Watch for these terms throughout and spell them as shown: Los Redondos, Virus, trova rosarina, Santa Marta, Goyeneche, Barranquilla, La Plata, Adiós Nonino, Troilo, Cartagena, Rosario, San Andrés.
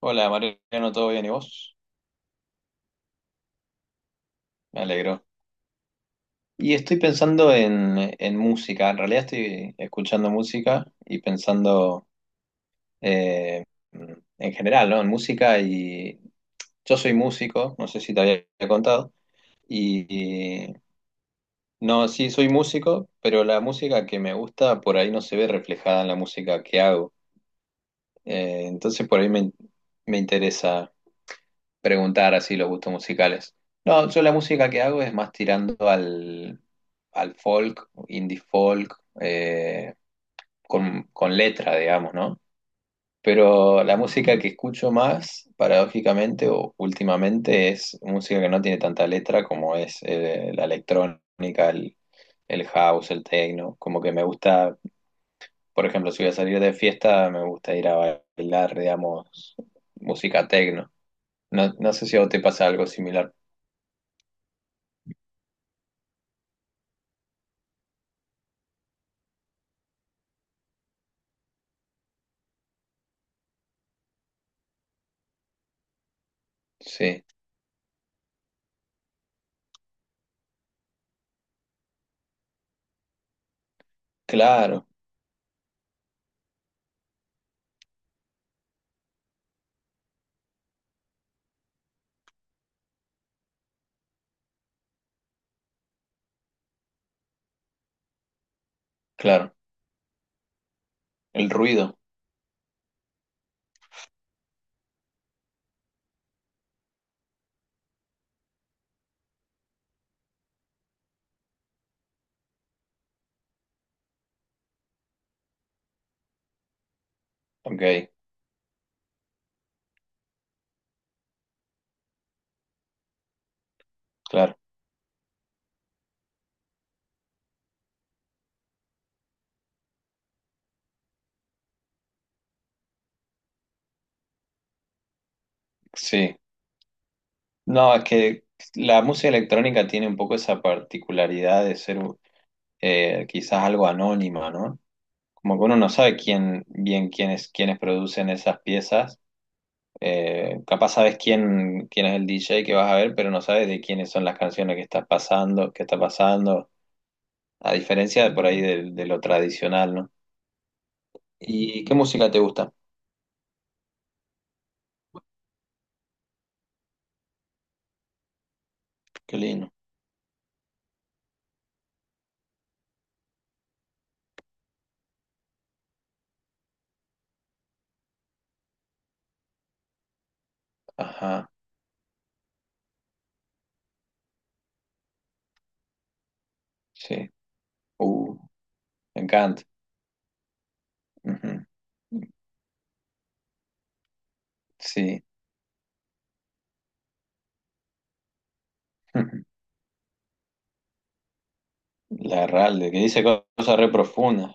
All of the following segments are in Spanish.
Hola Mariano, ¿todo bien y vos? Me alegro. Y estoy pensando en música. En realidad estoy escuchando música y pensando eh, en general, ¿no? En música y yo soy músico, no sé si te había contado, y, y- no, sí soy músico, pero la música que me gusta por ahí no se ve reflejada en la música que hago. Entonces por ahí me interesa preguntar así los gustos musicales. No, yo la música que hago es más tirando al folk, indie folk, eh, con letra, digamos, ¿no? Pero la música que escucho más, paradójicamente o últimamente, es música que no tiene tanta letra, como es la electrónica, el house, el techno. Como que me gusta, por ejemplo, si voy a salir de fiesta, me gusta ir a bailar, digamos, música techno. No, no sé si a vos te pasa algo similar. Sí, claro, claro. El ruido, ok, claro, sí. No, es que la música electrónica tiene un poco esa particularidad de ser quizás algo anónima, ¿no? Como que uno no sabe quién, bien quiénes producen esas piezas. Capaz sabes quién es el DJ que vas a ver, pero no sabes de quiénes son las canciones que que está pasando, a diferencia de por ahí de lo tradicional, ¿no? ¿Y qué música te gusta? Qué lindo. Ajá, sí. Uh. Me encanta. Ujú. Sí. Ujú. La Ralde, que dice cosas re profundas.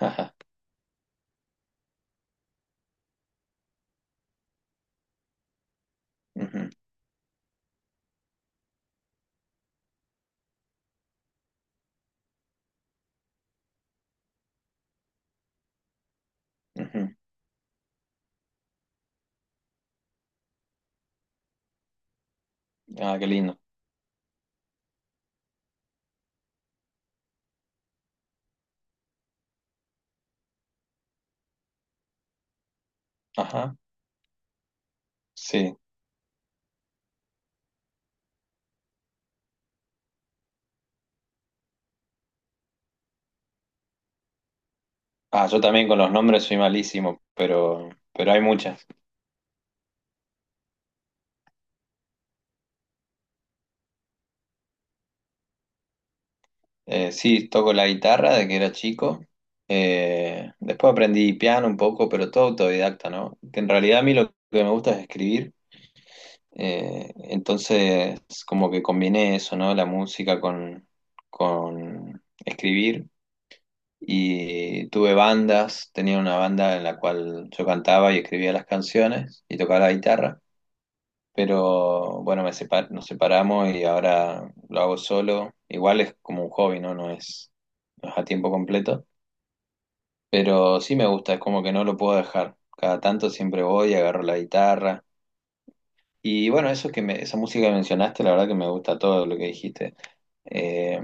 Ajá. Ujú, ujú. Ah, qué lindo. Ajá. Sí. Ah, yo también con los nombres soy malísimo, pero hay muchas. Sí, toco la guitarra de que era chico. Después aprendí piano un poco, pero todo autodidacta, ¿no? Que en realidad a mí lo que me gusta es escribir. Entonces, como que combiné eso, ¿no? La música con escribir. Y tuve bandas, tenía una banda en la cual yo cantaba y escribía las canciones y tocaba la guitarra, pero bueno, nos separamos y ahora lo hago solo. Igual es como un hobby, ¿no? No es a tiempo completo, pero sí me gusta, es como que no lo puedo dejar. Cada tanto siempre voy, agarro la guitarra. Y bueno, esa música que mencionaste, la verdad que me gusta todo lo que dijiste. Eh,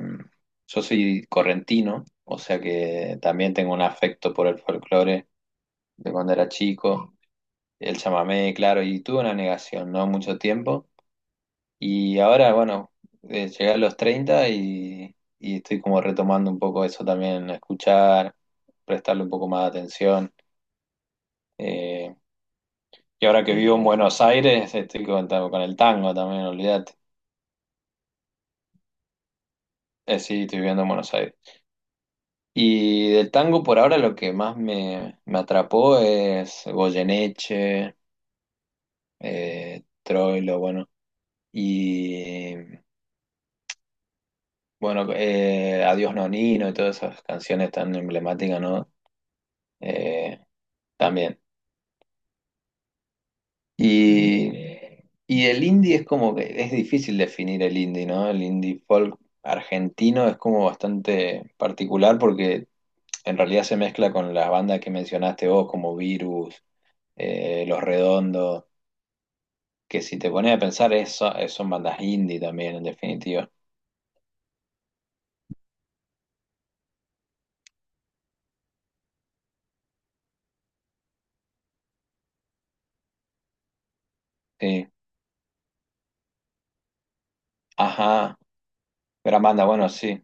yo soy correntino, o sea que también tengo un afecto por el folclore de cuando era chico, el chamamé, claro, y tuve una negación, ¿no? Mucho tiempo. Y ahora, bueno, llegué a los 30 y estoy como retomando un poco eso también, a escuchar, prestarle un poco más de atención. Eh, y ahora que vivo en Buenos Aires, estoy con el tango también, olvídate. Sí, estoy viviendo en Buenos Aires. Y del tango por ahora lo que más me atrapó es Goyeneche, Troilo, bueno. Y bueno, Adiós Nonino y todas esas canciones tan emblemáticas, ¿no? Eh, también. Y, y el indie es como que es difícil definir el indie, ¿no? El indie folk argentino es como bastante particular porque en realidad se mezcla con las bandas que mencionaste vos, como Virus, Los Redondos, que si te pones a pensar eso, son bandas indie también, en definitiva. Sí. Ajá, gran banda, bueno, sí,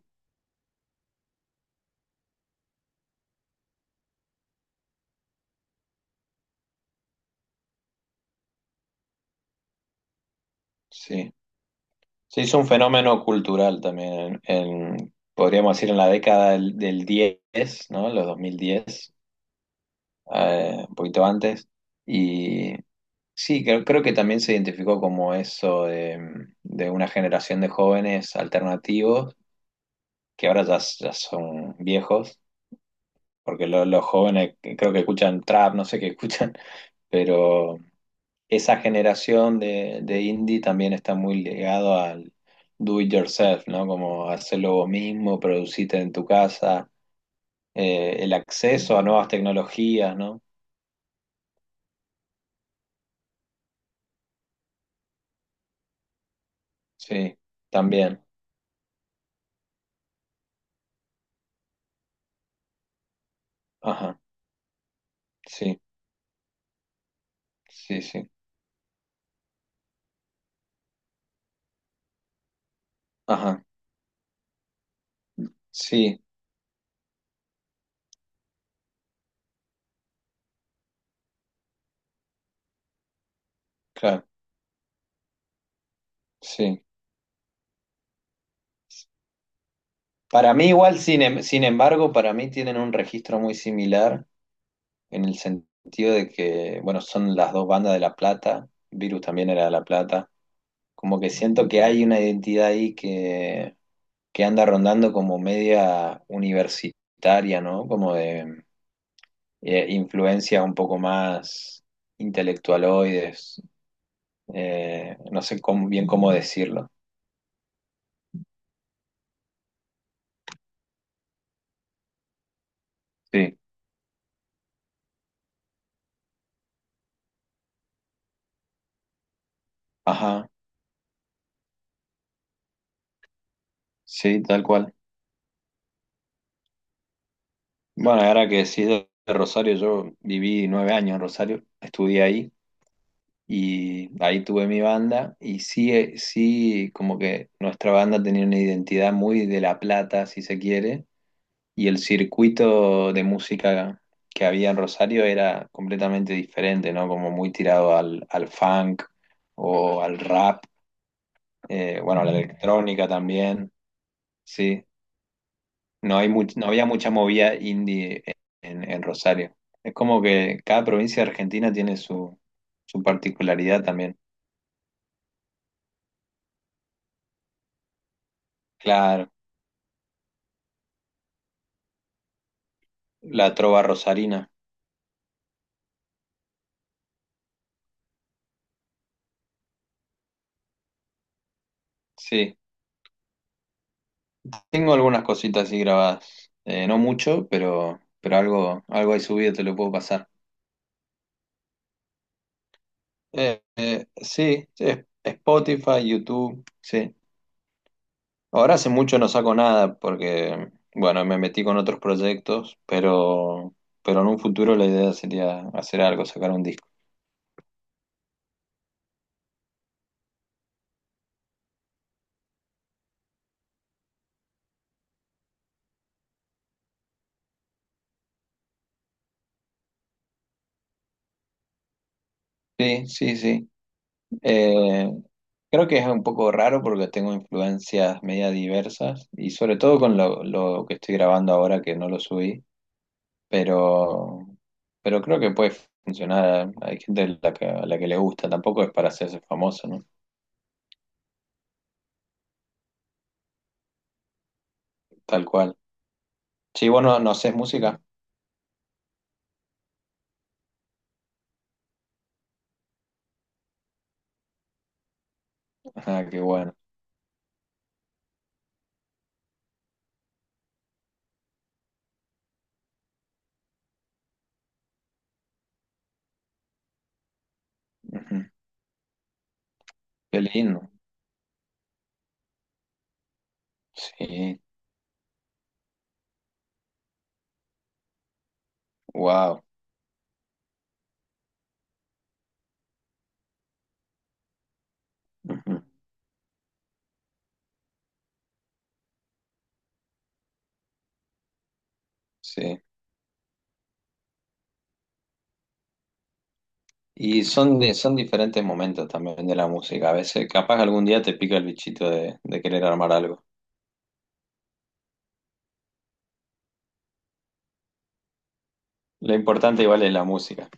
sí. Se hizo un fenómeno cultural también, podríamos decir en la década del 10, ¿no? Los 2010, un poquito antes. Y sí, creo que también se identificó como eso de una generación de jóvenes alternativos, que ahora ya, ya son viejos, porque los jóvenes creo que escuchan trap, no sé qué escuchan, pero esa generación de indie también está muy ligado al do it yourself, ¿no? Como hacerlo vos mismo, producirte en tu casa, el acceso a nuevas tecnologías, ¿no? Sí, también. Ajá, sí, sí, sí. Ajá, sí, claro, sí. Para mí igual, sin embargo, para mí tienen un registro muy similar, en el sentido de que, bueno, son las dos bandas de La Plata, Virus también era de La Plata. Como que siento que hay una identidad ahí que anda rondando como media universitaria, ¿no? Como de influencia un poco más intelectualoides. No sé bien cómo decirlo. Sí, ajá, sí, tal cual. Bueno, ahora que decís de Rosario, yo viví 9 años en Rosario, estudié ahí y ahí tuve mi banda, y sí, sí, como que nuestra banda tenía una identidad muy de La Plata, si se quiere. Y el circuito de música que había en Rosario era completamente diferente, ¿no? Como muy tirado al funk o al rap, bueno, a la electrónica también, sí. No hay no había mucha movida indie en Rosario. Es como que cada provincia de Argentina tiene su particularidad también. Claro, la trova rosarina, sí. Tengo algunas cositas así grabadas. No mucho, pero algo, ahí subido te lo puedo pasar. Sí, sí, Spotify, YouTube, sí. Ahora hace mucho no saco nada porque, bueno, me metí con otros proyectos, pero en un futuro la idea sería hacer algo, sacar un disco. Sí, sí, sí. Eh, Creo que es un poco raro porque tengo influencias media diversas, y sobre todo con lo que estoy grabando ahora que no lo subí, pero, pero creo que puede funcionar. Hay gente a la que le gusta, tampoco es para hacerse famoso, ¿no? Tal cual. Sí, bueno, no sé, música. Ah, qué bueno. Ujú. Qué lindo. Sí, wow. Ujú. Sí. Y son diferentes momentos también de la música. A veces, capaz algún día te pica el bichito de querer armar algo. Lo importante igual es la música.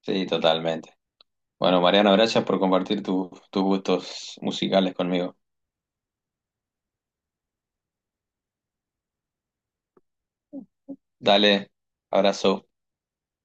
Sí, totalmente. Bueno, Mariano, gracias por compartir tus gustos musicales conmigo. Dale, abrazo.